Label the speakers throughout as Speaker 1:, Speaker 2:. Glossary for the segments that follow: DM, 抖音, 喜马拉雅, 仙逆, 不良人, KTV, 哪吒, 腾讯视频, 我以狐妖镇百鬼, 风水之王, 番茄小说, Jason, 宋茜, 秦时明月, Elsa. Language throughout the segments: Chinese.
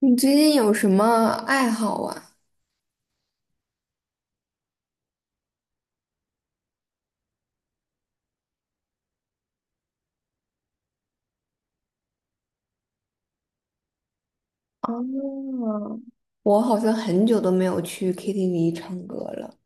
Speaker 1: 你最近有什么爱好啊？哦，我好像很久都没有去 KTV 唱歌了，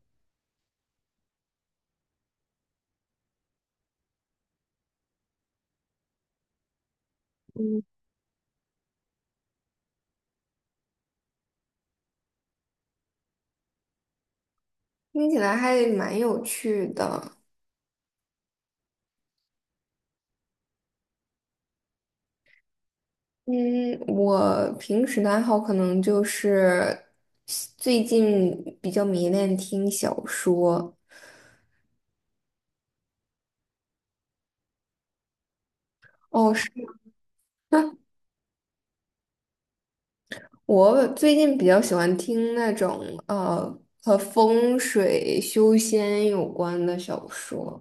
Speaker 1: 听起来还蛮有趣的。嗯，我平时的爱好可能就是最近比较迷恋听小说。哦，是我最近比较喜欢听那种呃和风水修仙有关的小说。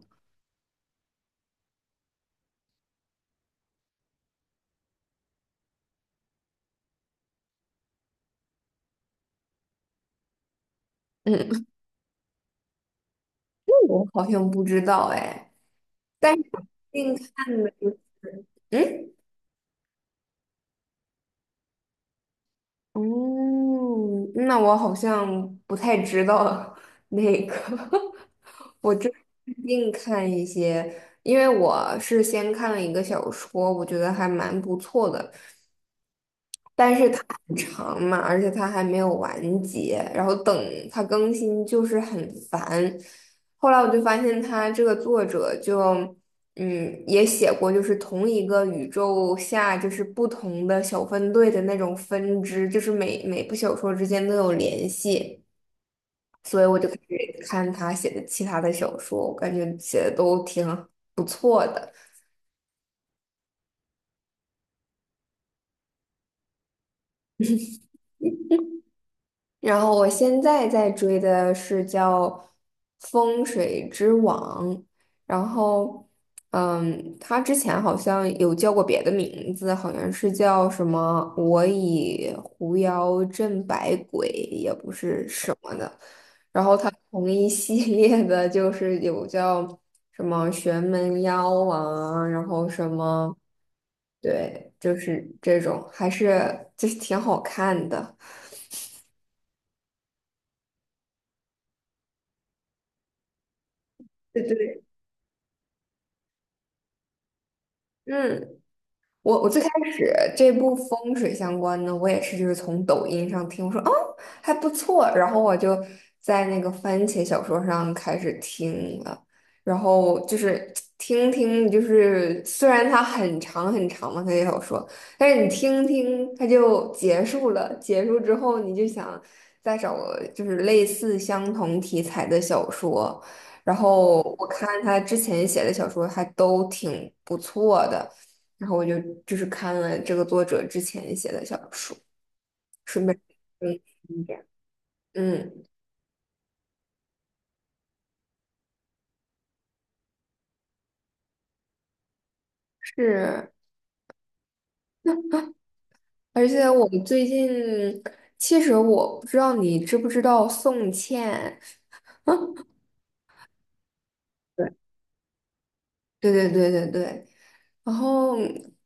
Speaker 1: 嗯，我好像不知道哎。但是我近看的，嗯，哦，那我好像不太知道 那个，我这近看一些，因为我是先看了一个小说，我觉得还蛮不错的，但是它很长嘛，而且它还没有完结，然后等它更新就是很烦。后来我就发现他这个作者就，嗯，也写过就是同一个宇宙下就是不同的小分队的那种分支，就是每每部小说之间都有联系，所以我就开始看他写的其他的小说，我感觉写的都挺好。然后我现在在追的是叫《风水之王》，然后，嗯，他之前好像有叫过别的名字，好像是叫什么"我以狐妖镇百鬼"，也不是什么的，同一系列的，就是有叫什么玄门妖啊，然后什么，对，就是这种，还是就是挺好看的。对对，嗯。我最开始这部风水相关的，我也是就是从抖音上听，我说哦还不错，然后我就在那个番茄小说上开始听了，然后就是听听，就是虽然它很长很长嘛，它也小说，但是你听听它就结束了，结束之后你就想再找个就是类似相同题材的小说，然后我看他之前写的小说还都挺不错的。然后我就就是看了这个作者之前写的小说，顺便嗯一点。嗯，是，而且我最近，其实我不知道你知不知道宋茜，对对对对对，然后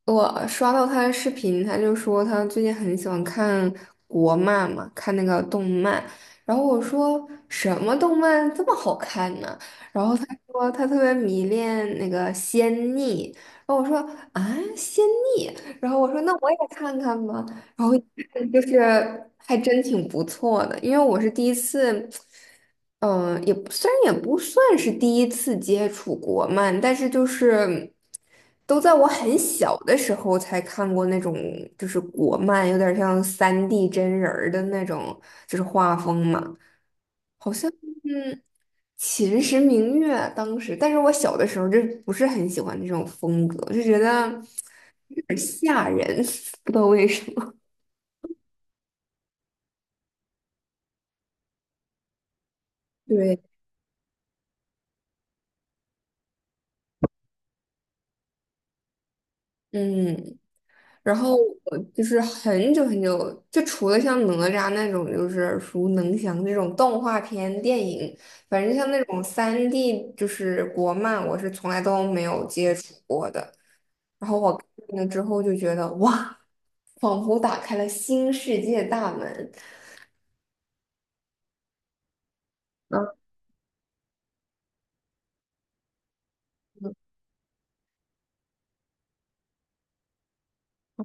Speaker 1: 我刷到他的视频，他就说他最近很喜欢看国漫嘛，看那个动漫。然后我说什么动漫这么好看呢？然后他说他特别迷恋那个仙逆。然后我说啊，仙逆。然后我说那我也看看吧。然后就是还真挺不错的，因为我是第一次，嗯、也不虽然也不算是第一次接触国漫，但是就是都在我很小的时候才看过那种就是国漫，有点像三 d 真人儿的那种，就是画风嘛。嗯，秦时明月当时，但是我小的时候就不是很喜欢那种风格，就觉得有点吓人，不知道为什么。对，嗯。然后我就是很久很久，就除了像哪吒那种就是耳熟能详这种动画片电影，反正像那种三 d 就是国漫，我是从来都没有接触过的。然后我看了之后就觉得哇，仿佛打开了新世界大门。嗯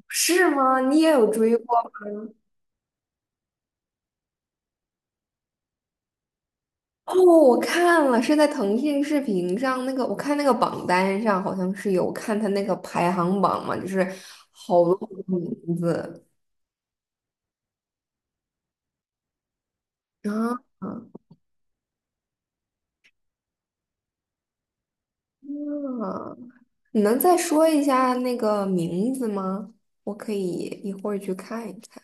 Speaker 1: 是吗？你也有追过？哦，我看了，是在腾讯视频上那个，我看那个榜单上好像是有看他那个排行榜嘛，就是好多好多名字啊啊！你能再说一下那个名字吗？我可以一会儿去看一看。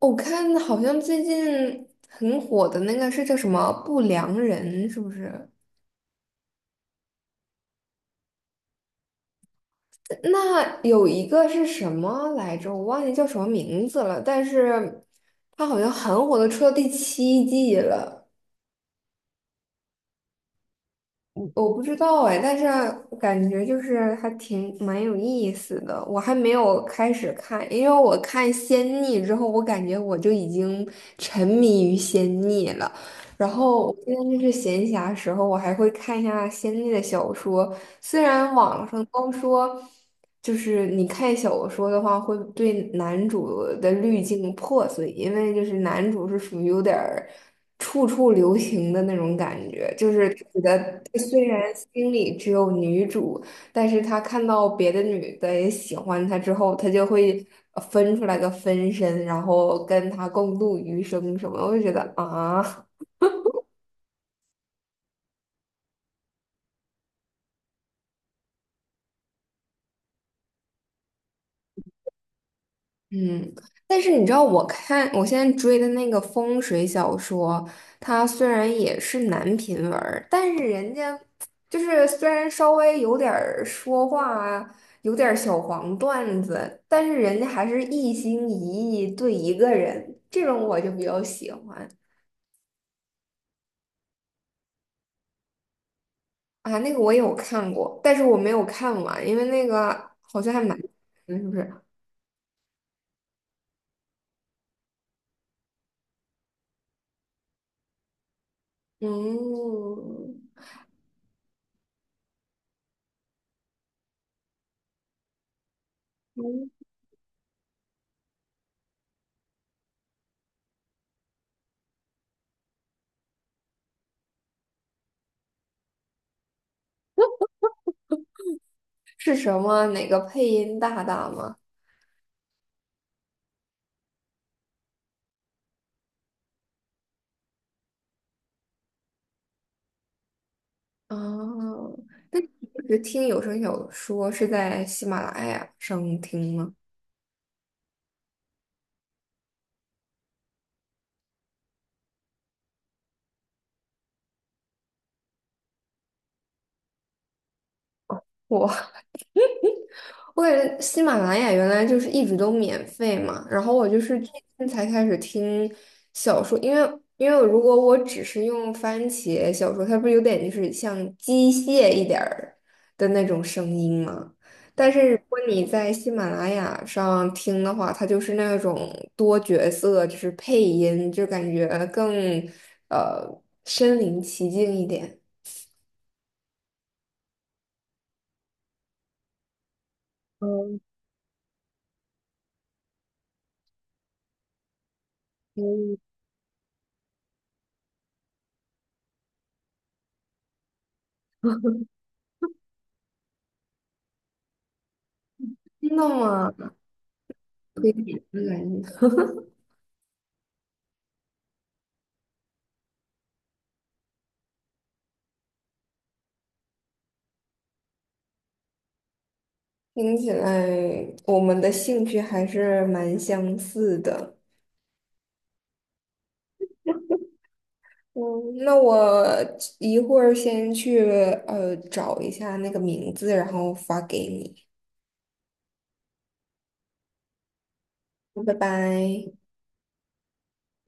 Speaker 1: 哦我看好像最近很火的那个是叫什么《不良人》，是不是？那有一个是什么来着？我忘记叫什么名字了，但是它好像很火的，出到第七季了，我不知道哎，但是感觉就是还挺蛮有意思的。我还没有开始看，因为我看《仙逆》之后，我感觉我就已经沉迷于《仙逆》了。然后我现在就是闲暇时候，我还会看一下仙逆的小说。虽然网上都说，就是你看小说的话，会对男主的滤镜破碎，因为就是男主是属于有点儿处处留情的那种感觉，就是他觉得他虽然心里只有女主，但是他看到别的女的也喜欢他之后，他就会分出来个分身，然后跟他共度余生什么的我就觉得啊。嗯，但是你知道，我看我现在追的那个风水小说，它虽然也是男频文儿，但是人家就是虽然稍微有点儿说话啊，有点儿小黄段子，但是人家还是一心一意对一个人，这种我就比较喜欢啊。那个我有看过，但是我没有看完，因为那个好像还蛮，嗯，是不是？嗯，嗯是什么？哪个配音大大吗？哦，那你一直听有声小说是在喜马拉雅上听吗？我我感觉喜马拉雅原来就是一直都免费嘛，然后我就是最近才开始听小说，因为因为如果我只是用番茄小说，它不是有点就是像机械一点儿的那种声音吗？但是如果你在喜马拉雅上听的话，它就是那种多角色，就是配音，就感觉更身临其境一点。嗯，听到真的吗？嗯听起来我们的兴趣还是蛮相似的。嗯，那我一会儿先去找一下那个名字，然后发给你。拜拜。